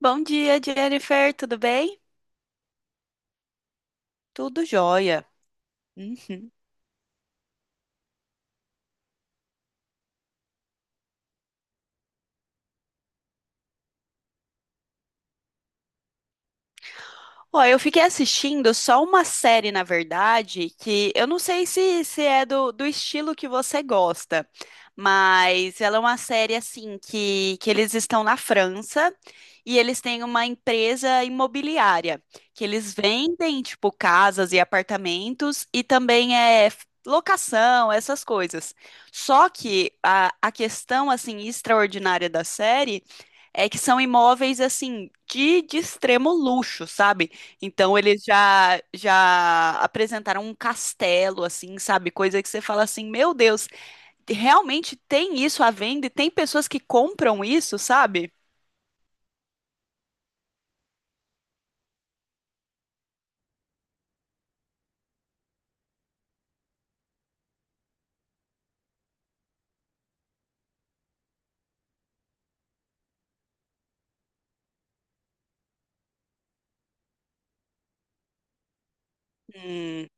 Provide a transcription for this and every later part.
Bom dia, Jennifer, tudo bem? Tudo jóia. Uhum. Ó, eu fiquei assistindo só uma série, na verdade, que eu não sei se é do estilo que você gosta, mas ela é uma série assim que eles estão na França e eles têm uma empresa imobiliária que eles vendem tipo casas e apartamentos e também é locação, essas coisas. Só que a questão assim extraordinária da série é que são imóveis assim de extremo luxo, sabe? Então eles já apresentaram um castelo assim, sabe? Coisa que você fala assim, meu Deus, realmente tem isso à venda e tem pessoas que compram isso, sabe? Hum,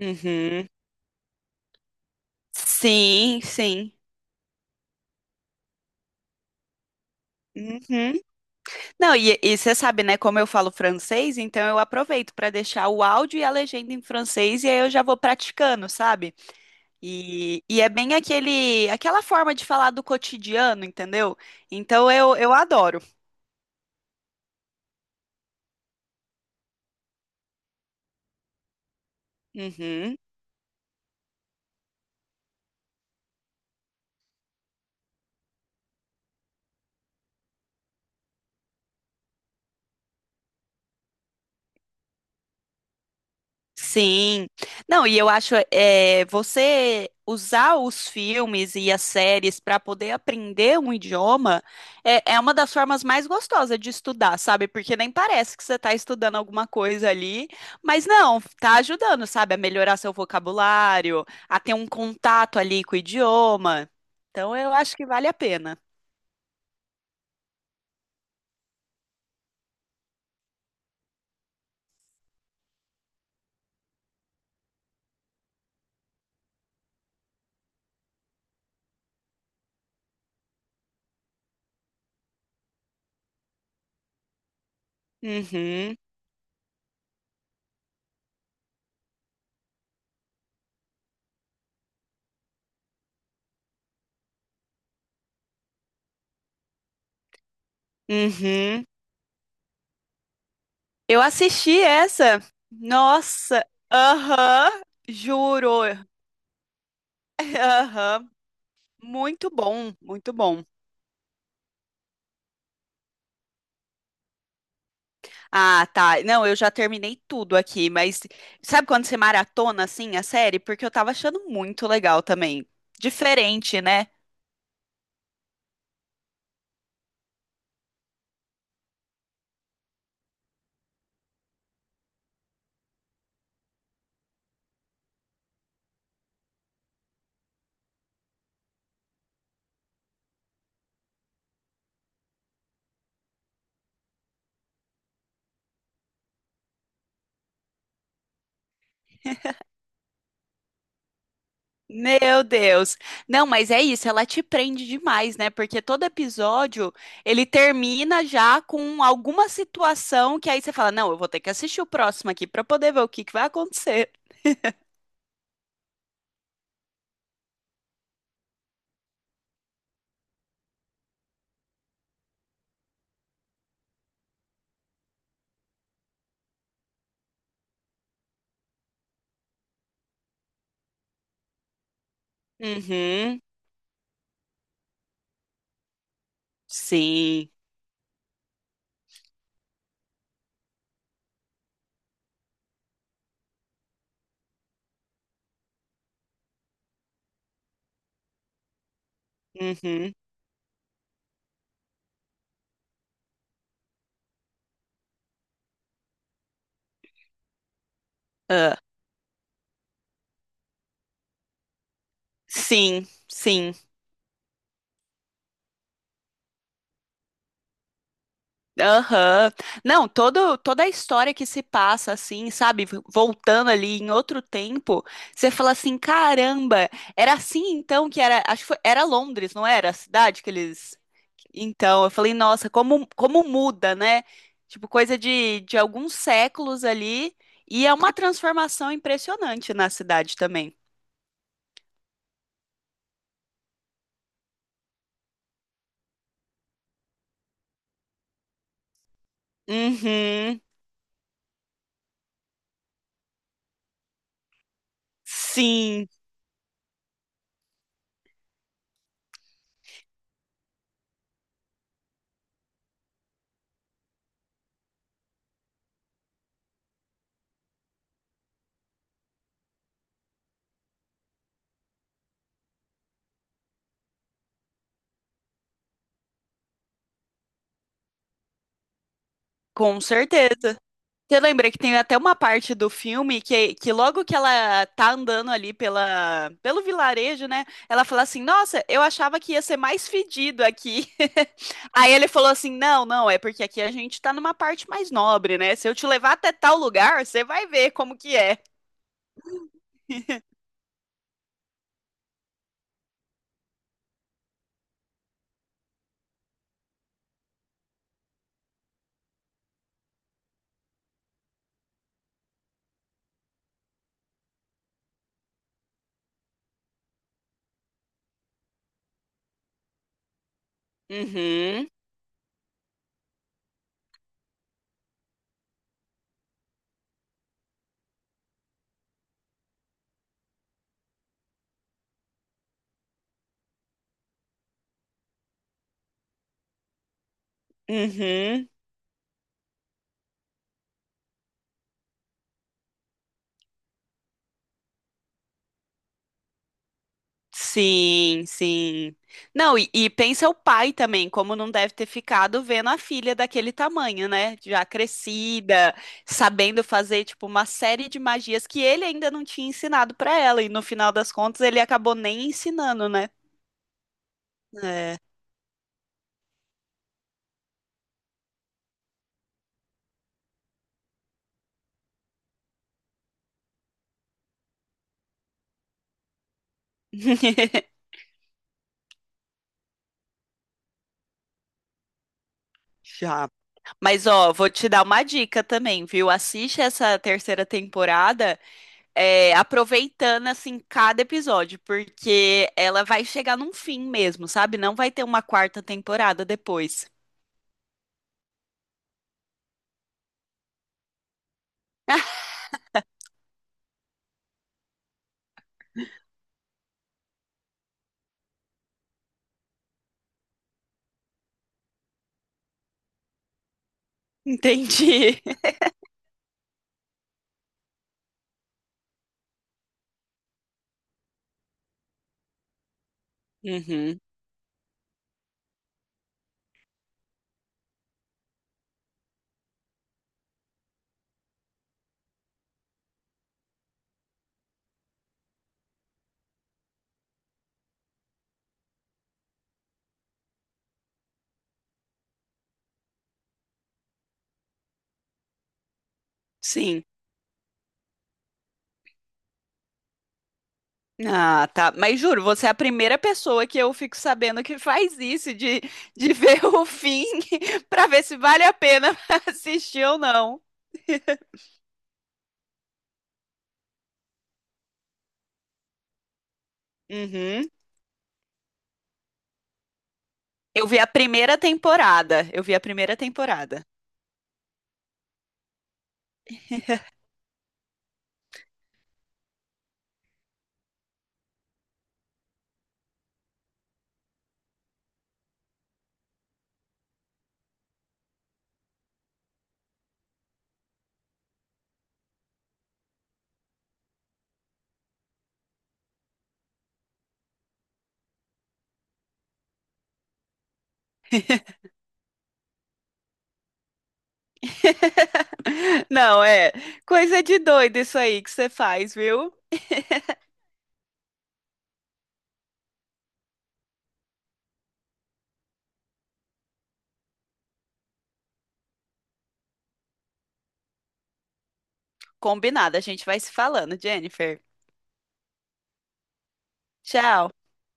uhum. Sim, sim. Uhum. Não, e você sabe, né, como eu falo francês, então eu aproveito para deixar o áudio e a legenda em francês e aí eu já vou praticando, sabe? E é bem aquela forma de falar do cotidiano, entendeu? Então eu adoro. Uhum. Sim. Não, e eu acho é, você usar os filmes e as séries para poder aprender um idioma é uma das formas mais gostosas de estudar, sabe? Porque nem parece que você está estudando alguma coisa ali, mas não, tá ajudando, sabe? A melhorar seu vocabulário, a ter um contato ali com o idioma. Então eu acho que vale a pena. Uhum, uhum. Eu assisti essa. Nossa, aham, juro. Aham. Muito bom, muito bom. Ah, tá. Não, eu já terminei tudo aqui, mas sabe quando você maratona assim a série? Porque eu tava achando muito legal também. Diferente, né? Meu Deus. Não, mas é isso, ela te prende demais, né? Porque todo episódio ele termina já com alguma situação que aí você fala: "Não, eu vou ter que assistir o próximo aqui pra poder ver o que que vai acontecer". Uhum. Sim. Uhum. Ah, sim, sim. Aham. Não, toda a história que se passa, assim, sabe? Voltando ali em outro tempo, você fala assim: caramba, era assim então que era. Acho que foi, era Londres, não era? A cidade que eles. Então, eu falei: nossa, como, como muda, né? Tipo, coisa de alguns séculos ali. E é uma transformação impressionante na cidade também. Uhum. Sim, com certeza. Você lembra que tem até uma parte do filme que logo que ela tá andando ali pela, pelo vilarejo, né? Ela fala assim: Nossa, eu achava que ia ser mais fedido aqui. Aí ele falou assim: Não, não, é porque aqui a gente tá numa parte mais nobre, né? Se eu te levar até tal lugar, você vai ver como que é. Uhum, uhum. Sim, sim. Não, e pensa o pai também, como não deve ter ficado vendo a filha daquele tamanho, né? Já crescida, sabendo fazer, tipo, uma série de magias que ele ainda não tinha ensinado pra ela, e no final das contas ele acabou nem ensinando, né? É. Já. Mas, ó, vou te dar uma dica também, viu? Assiste essa terceira temporada. É, aproveitando assim cada episódio, porque ela vai chegar num fim mesmo, sabe? Não vai ter uma quarta temporada depois. Ah, entendi. Uhum, sim. Ah, tá. Mas juro, você é a primeira pessoa que eu fico sabendo que faz isso de ver o fim pra ver se vale a pena assistir ou não. Uhum. Eu vi a primeira temporada. Eu vi a primeira temporada. Não, é coisa de doido isso aí que você faz, viu? Combinado, a gente vai se falando, Jennifer. Tchau.